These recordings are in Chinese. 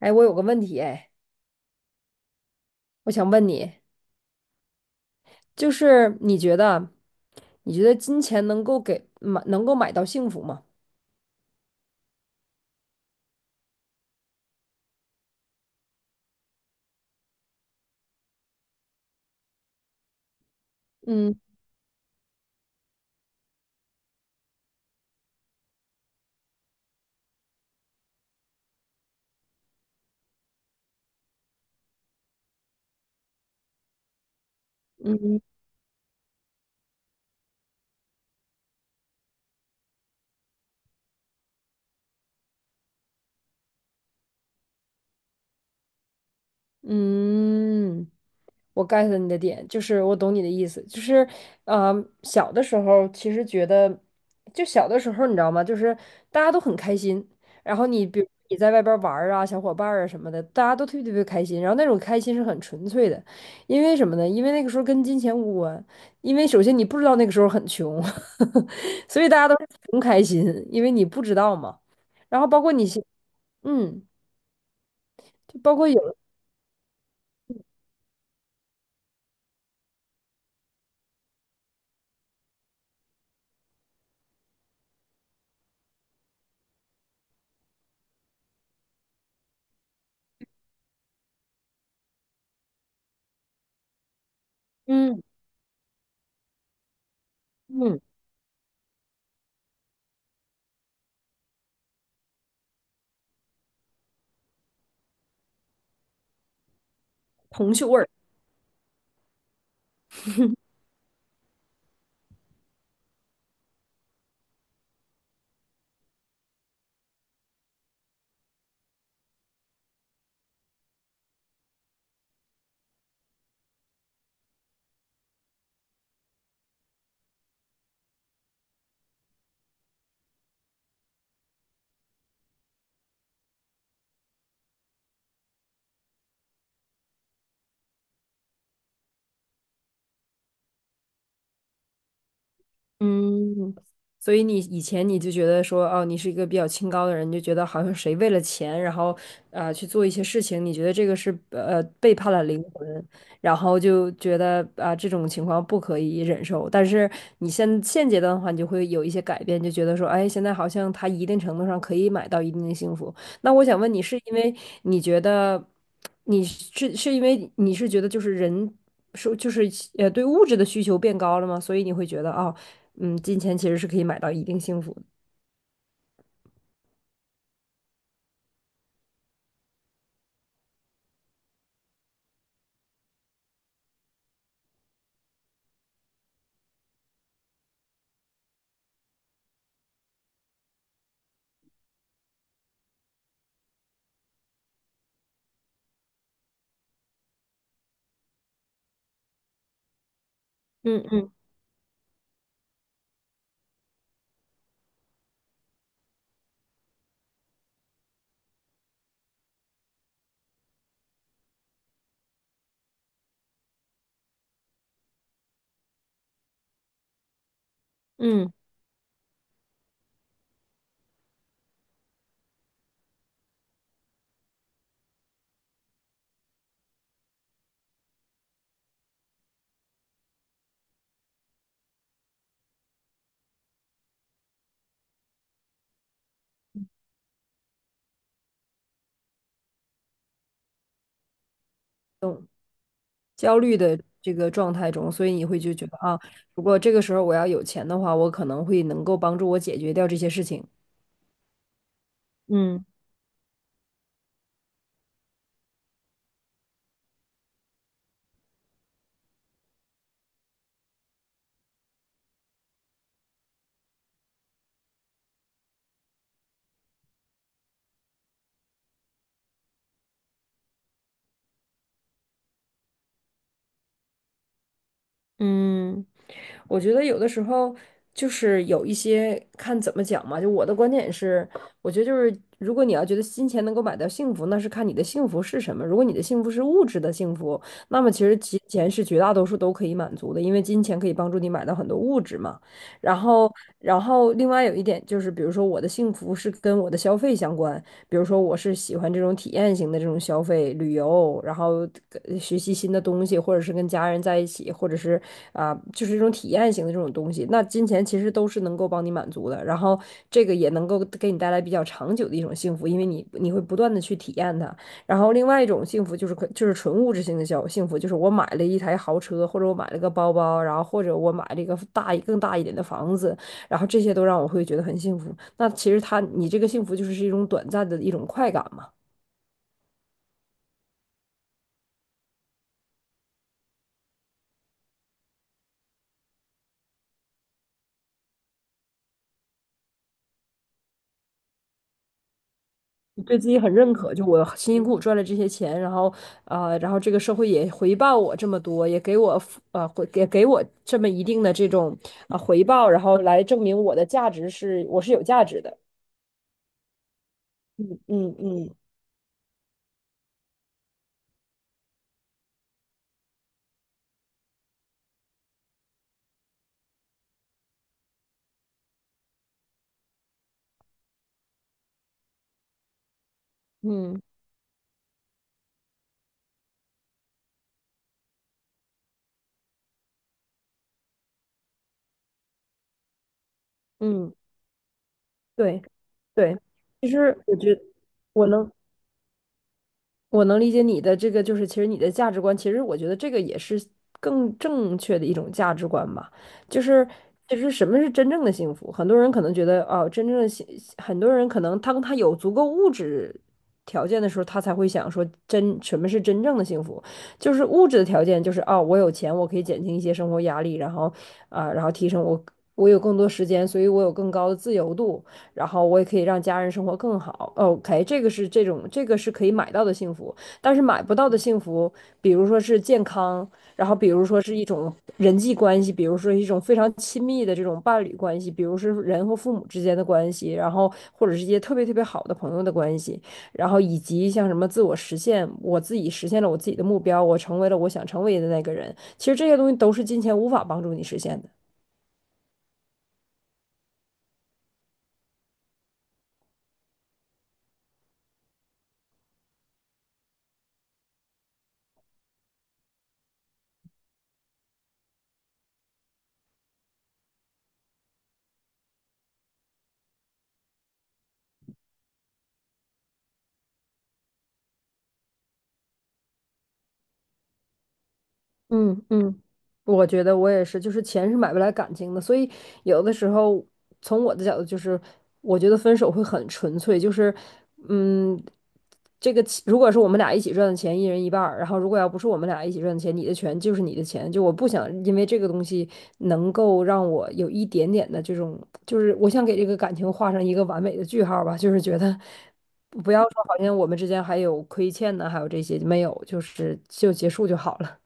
哎，我有个问题，哎，我想问你，就是你觉得，你觉得金钱能够给买，能够买到幸福吗？嗯嗯嗯，我 get 你的点，就是我懂你的意思，就是，呃，小的时候其实觉得，就小的时候你知道吗？就是大家都很开心，然后你比如你在外边玩儿啊，小伙伴儿啊什么的，大家都特别特别开心，然后那种开心是很纯粹的，因为什么呢？因为那个时候跟金钱无关，因为首先你不知道那个时候很穷，所以大家都是穷开心，因为你不知道嘛。然后包括你现，嗯，就包括有，嗯嗯，铜臭味儿。嗯，所以你以前你就觉得说，哦，你是一个比较清高的人，你就觉得好像谁为了钱，然后去做一些事情，你觉得这个是背叛了灵魂，然后就觉得啊、这种情况不可以忍受。但是你现现阶段的话，你就会有一些改变，就觉得说，哎，现在好像他一定程度上可以买到一定的幸福。那我想问你，是因为你觉得你是是因为你是觉得就是人说就是对物质的需求变高了吗？所以你会觉得哦。嗯，金钱其实是可以买到一定幸福的。嗯嗯嗯焦虑的这个状态中，所以你会就觉得啊，如果这个时候我要有钱的话，我可能会能够帮助我解决掉这些事情。嗯嗯，我觉得有的时候就是有一些看怎么讲嘛，就我的观点是，我觉得就是如果你要觉得金钱能够买到幸福，那是看你的幸福是什么。如果你的幸福是物质的幸福，那么其实金钱是绝大多数都可以满足的，因为金钱可以帮助你买到很多物质嘛。然后，然后另外有一点就是，比如说我的幸福是跟我的消费相关，比如说我是喜欢这种体验型的这种消费旅游，然后学习新的东西，或者是跟家人在一起，或者是啊、就是这种体验型的这种东西，那金钱其实都是能够帮你满足的，然后这个也能够给你带来比较长久的一种幸福，因为你会不断的去体验它。然后另外一种幸福就是可就是纯物质性的消幸福，就是我买了一台豪车，或者我买了个包包，然后或者我买了一个大一更大一点的房子，然后这些都让我会觉得很幸福。那其实他，你这个幸福就是是一种短暂的一种快感嘛，你对自己很认可，就我辛辛苦苦赚了这些钱，然后然后这个社会也回报我这么多，也给我付回也给我这么一定的这种啊、回报，然后来证明我的价值是我是有价值的。嗯嗯嗯嗯嗯，对对，其实我觉得我能。我能理解你的这个，就是其实你的价值观，其实我觉得这个也是更正确的一种价值观吧。就是其实什么是真正的幸福？很多人可能觉得哦，真正的幸，很多人可能当他有足够物质条件的时候，他才会想说真什么是真正的幸福？就是物质的条件，就是哦，我有钱，我可以减轻一些生活压力，然后啊、然后提升我，我有更多时间，所以我有更高的自由度。然后我也可以让家人生活更好。哦 OK，这个是这种这个是可以买到的幸福，但是买不到的幸福，比如说是健康，然后比如说是一种人际关系，比如说一种非常亲密的这种伴侣关系，比如是人和父母之间的关系，然后或者是一些特别特别好的朋友的关系，然后以及像什么自我实现，我自己实现了我自己的目标，我成为了我想成为的那个人。其实这些东西都是金钱无法帮助你实现的。嗯，嗯，我觉得我也是，就是钱是买不来感情的，所以有的时候从我的角度就是，我觉得分手会很纯粹，就是嗯，这个钱如果是我们俩一起赚的钱，一人一半儿，然后如果要不是我们俩一起赚的钱，你的钱就是你的钱，就我不想因为这个东西能够让我有一点点的这种，就是我想给这个感情画上一个完美的句号儿吧，就是觉得。不要说好像我们之间还有亏欠呢，还有这些没有，就是就结束就好了。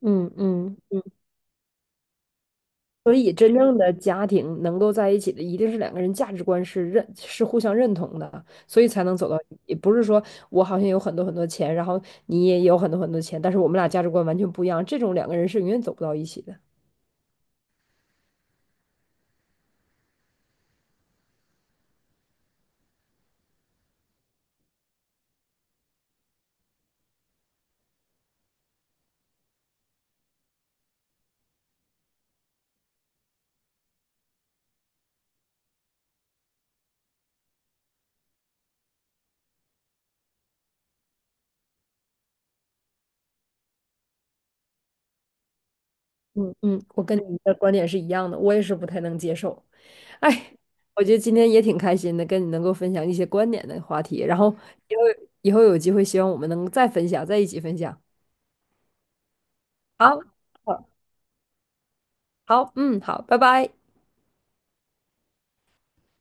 嗯嗯，所以，真正的家庭能够在一起的，一定是两个人价值观是认是互相认同的，所以才能走到一起。也不是说我好像有很多很多钱，然后你也有很多很多钱，但是我们俩价值观完全不一样，这种两个人是永远走不到一起的。嗯嗯，我跟你的观点是一样的，我也是不太能接受。哎，我觉得今天也挺开心的，跟你能够分享一些观点的话题，然后以后以后有机会，希望我们能再分享，在一起分享。好，好，好，嗯，好，拜拜。